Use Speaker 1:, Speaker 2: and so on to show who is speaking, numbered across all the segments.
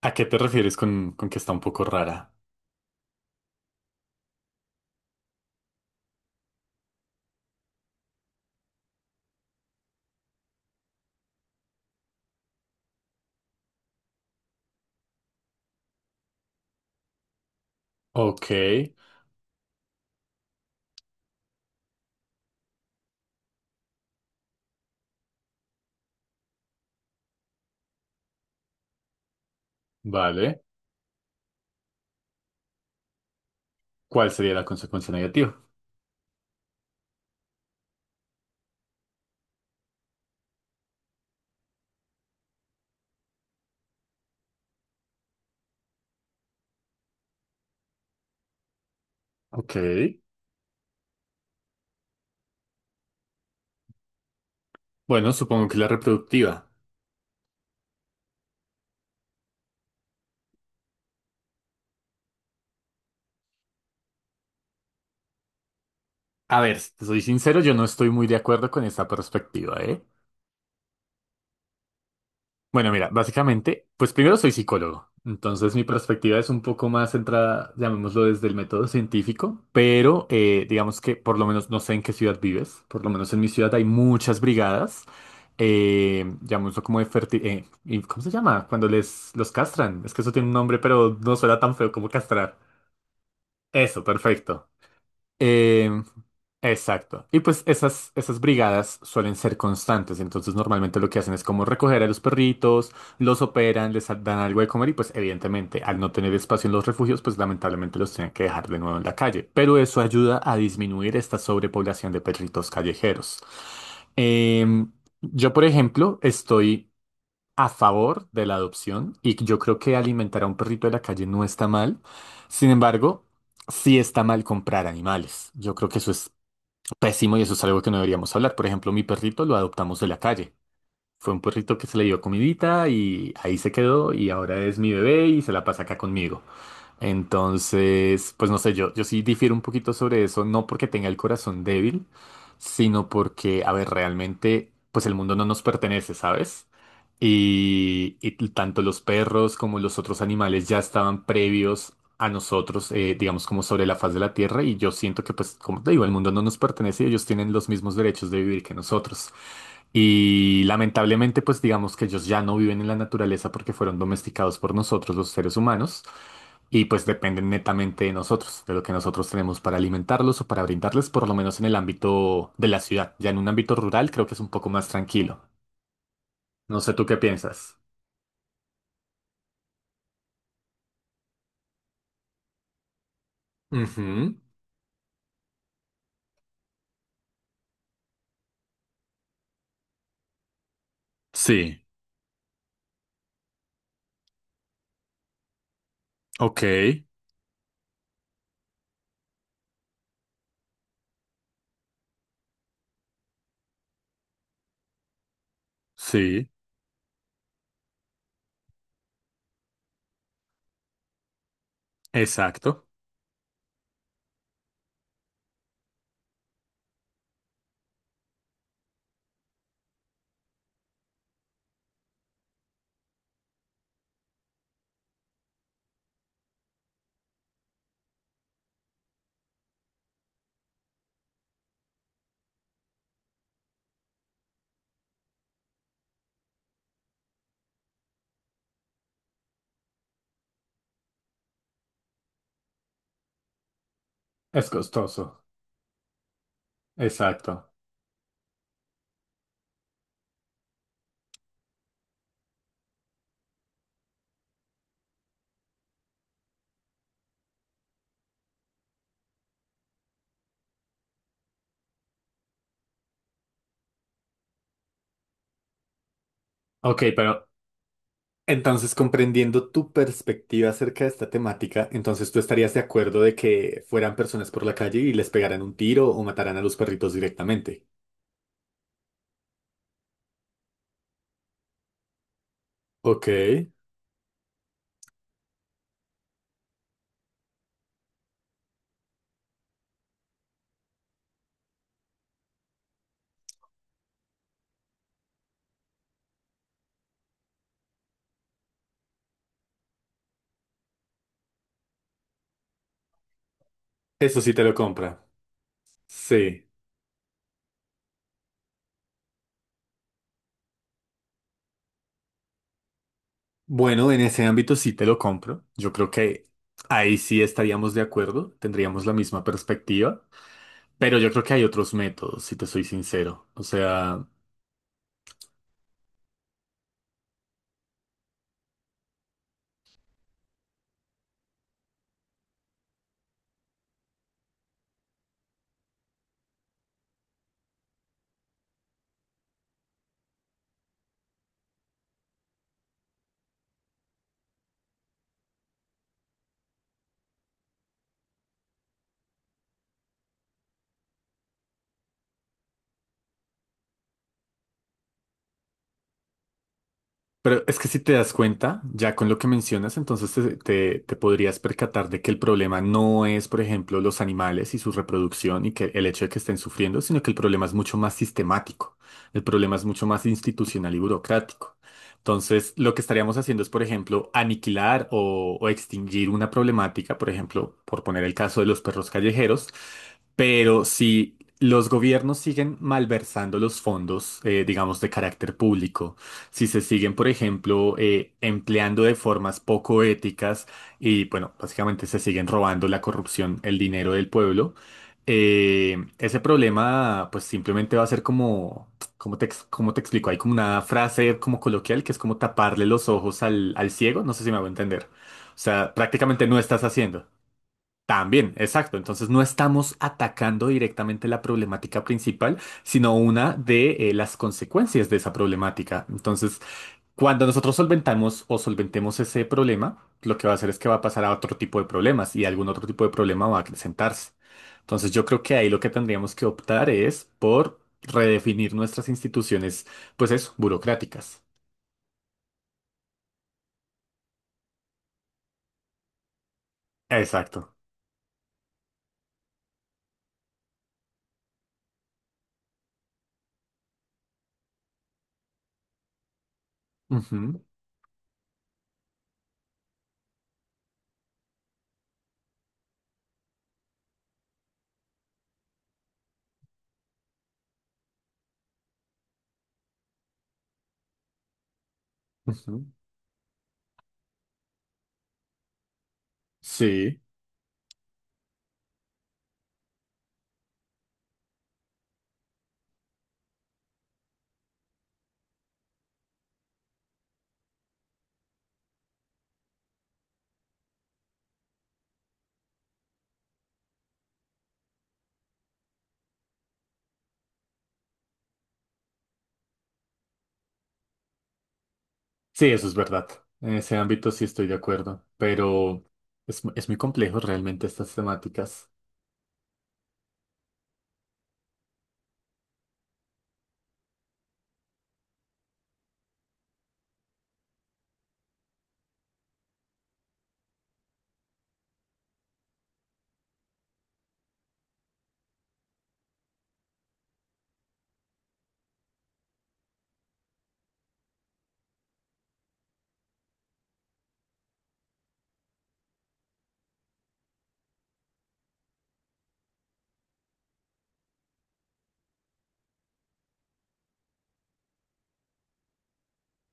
Speaker 1: ¿A qué te refieres con que está un poco rara? Ok, vale. ¿Cuál sería la consecuencia negativa? Ok. Bueno, supongo que la reproductiva. A ver, si te soy sincero, yo no estoy muy de acuerdo con esta perspectiva, ¿eh? Bueno, mira, básicamente, pues primero soy psicólogo, entonces mi perspectiva es un poco más centrada, llamémoslo desde el método científico, pero digamos que por lo menos no sé en qué ciudad vives, por lo menos en mi ciudad hay muchas brigadas, llamémoslo como de ¿cómo se llama? Cuando les los castran, es que eso tiene un nombre, pero no suena tan feo como castrar. Eso, perfecto. Eh, exacto. Y pues esas brigadas suelen ser constantes, entonces normalmente lo que hacen es como recoger a los perritos, los operan, les dan algo de comer y pues evidentemente al no tener espacio en los refugios, pues lamentablemente los tienen que dejar de nuevo en la calle. Pero eso ayuda a disminuir esta sobrepoblación de perritos callejeros. Em, yo, por ejemplo, estoy a favor de la adopción y yo creo que alimentar a un perrito de la calle no está mal. Sin embargo, sí está mal comprar animales. Yo creo que eso es pésimo y eso es algo que no deberíamos hablar. Por ejemplo, mi perrito lo adoptamos de la calle. Fue un perrito que se le dio comidita y ahí se quedó y ahora es mi bebé y se la pasa acá conmigo. Entonces, pues no sé, yo sí difiero un poquito sobre eso, no porque tenga el corazón débil, sino porque, a ver, realmente, pues el mundo no nos pertenece, ¿sabes? Y tanto los perros como los otros animales ya estaban previos a nosotros, digamos, como sobre la faz de la Tierra, y yo siento que, pues, como te digo, el mundo no nos pertenece y ellos tienen los mismos derechos de vivir que nosotros. Y lamentablemente, pues digamos que ellos ya no viven en la naturaleza porque fueron domesticados por nosotros, los seres humanos. Y pues dependen netamente de nosotros, de lo que nosotros tenemos para alimentarlos o para brindarles, por lo menos en el ámbito de la ciudad. Ya en un ámbito rural creo que es un poco más tranquilo. No sé tú qué piensas. Ujú. Sí, ok, sí, exacto. Es costoso. Exacto. Ok, pero entonces comprendiendo tu perspectiva acerca de esta temática, entonces tú estarías de acuerdo de que fueran personas por la calle y les pegaran un tiro o mataran a los perritos directamente. Ok, eso sí te lo compra. Sí. Bueno, en ese ámbito sí te lo compro. Yo creo que ahí sí estaríamos de acuerdo, tendríamos la misma perspectiva, pero yo creo que hay otros métodos, si te soy sincero. O sea, pero es que si te das cuenta, ya con lo que mencionas, entonces te podrías percatar de que el problema no es, por ejemplo, los animales y su reproducción y que el hecho de que estén sufriendo, sino que el problema es mucho más sistemático. El problema es mucho más institucional y burocrático. Entonces, lo que estaríamos haciendo es, por ejemplo, aniquilar o extinguir una problemática, por ejemplo, por poner el caso de los perros callejeros, pero si los gobiernos siguen malversando los fondos, digamos, de carácter público, si se siguen, por ejemplo, empleando de formas poco éticas y, bueno, básicamente se siguen robando la corrupción, el dinero del pueblo, ese problema, pues simplemente va a ser como, cómo te explico? Hay como una frase como coloquial que es como taparle los ojos al ciego, no sé si me hago entender. O sea, prácticamente no estás haciendo. También, exacto. Entonces no estamos atacando directamente la problemática principal, sino una de las consecuencias de esa problemática. Entonces, cuando nosotros solventamos o solventemos ese problema, lo que va a hacer es que va a pasar a otro tipo de problemas y algún otro tipo de problema va a acrecentarse. Entonces yo creo que ahí lo que tendríamos que optar es por redefinir nuestras instituciones, pues eso, burocráticas. Exacto. Ujú, ujú. Sí, sí, eso es verdad. En ese ámbito sí estoy de acuerdo, pero es muy complejo realmente estas temáticas.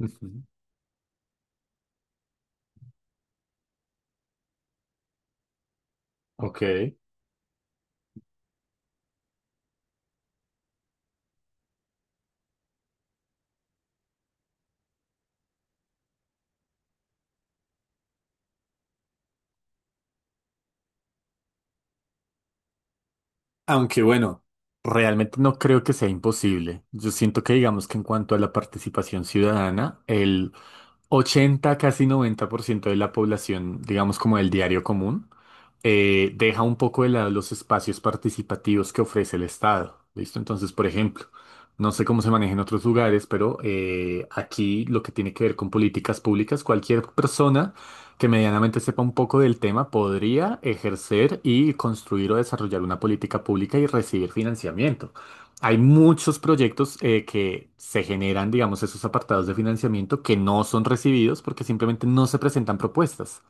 Speaker 1: Ujú. Ok. Aunque bueno, realmente no creo que sea imposible. Yo siento que digamos que en cuanto a la participación ciudadana, el 80 casi 90% de la población, digamos como del diario común, deja un poco de lado los espacios participativos que ofrece el Estado. ¿Listo? Entonces, por ejemplo, no sé cómo se maneja en otros lugares, pero aquí lo que tiene que ver con políticas públicas, cualquier persona que medianamente sepa un poco del tema podría ejercer y construir o desarrollar una política pública y recibir financiamiento. Hay muchos proyectos que se generan, digamos, esos apartados de financiamiento que no son recibidos porque simplemente no se presentan propuestas.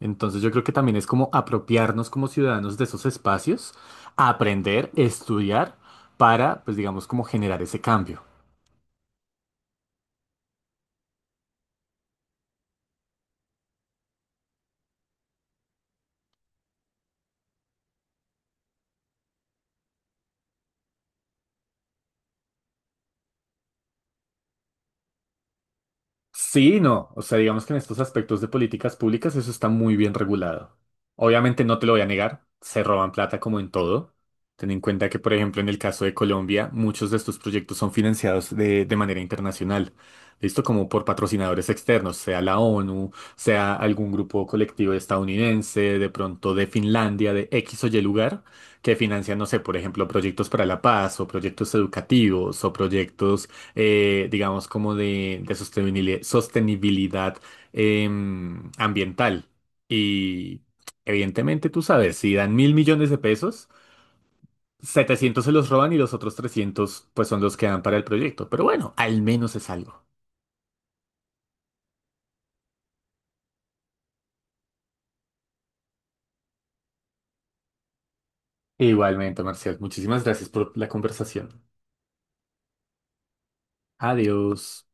Speaker 1: Entonces yo creo que también es como apropiarnos como ciudadanos de esos espacios, aprender, estudiar para, pues digamos, como generar ese cambio. Sí, y no. O sea, digamos que en estos aspectos de políticas públicas eso está muy bien regulado. Obviamente no te lo voy a negar, se roban plata como en todo. Ten en cuenta que, por ejemplo, en el caso de Colombia, muchos de estos proyectos son financiados de manera internacional. ¿Listo? Como por patrocinadores externos, sea la ONU, sea algún grupo colectivo estadounidense, de pronto de Finlandia, de X o Y lugar, que financian, no sé, por ejemplo, proyectos para la paz o proyectos educativos o proyectos digamos, como de sostenibilidad ambiental. Y evidentemente, tú sabes, si dan 1.000 millones de pesos, 700 se los roban y los otros 300 pues son los que dan para el proyecto. Pero bueno, al menos es algo. Igualmente, Marcial, muchísimas gracias por la conversación. Adiós.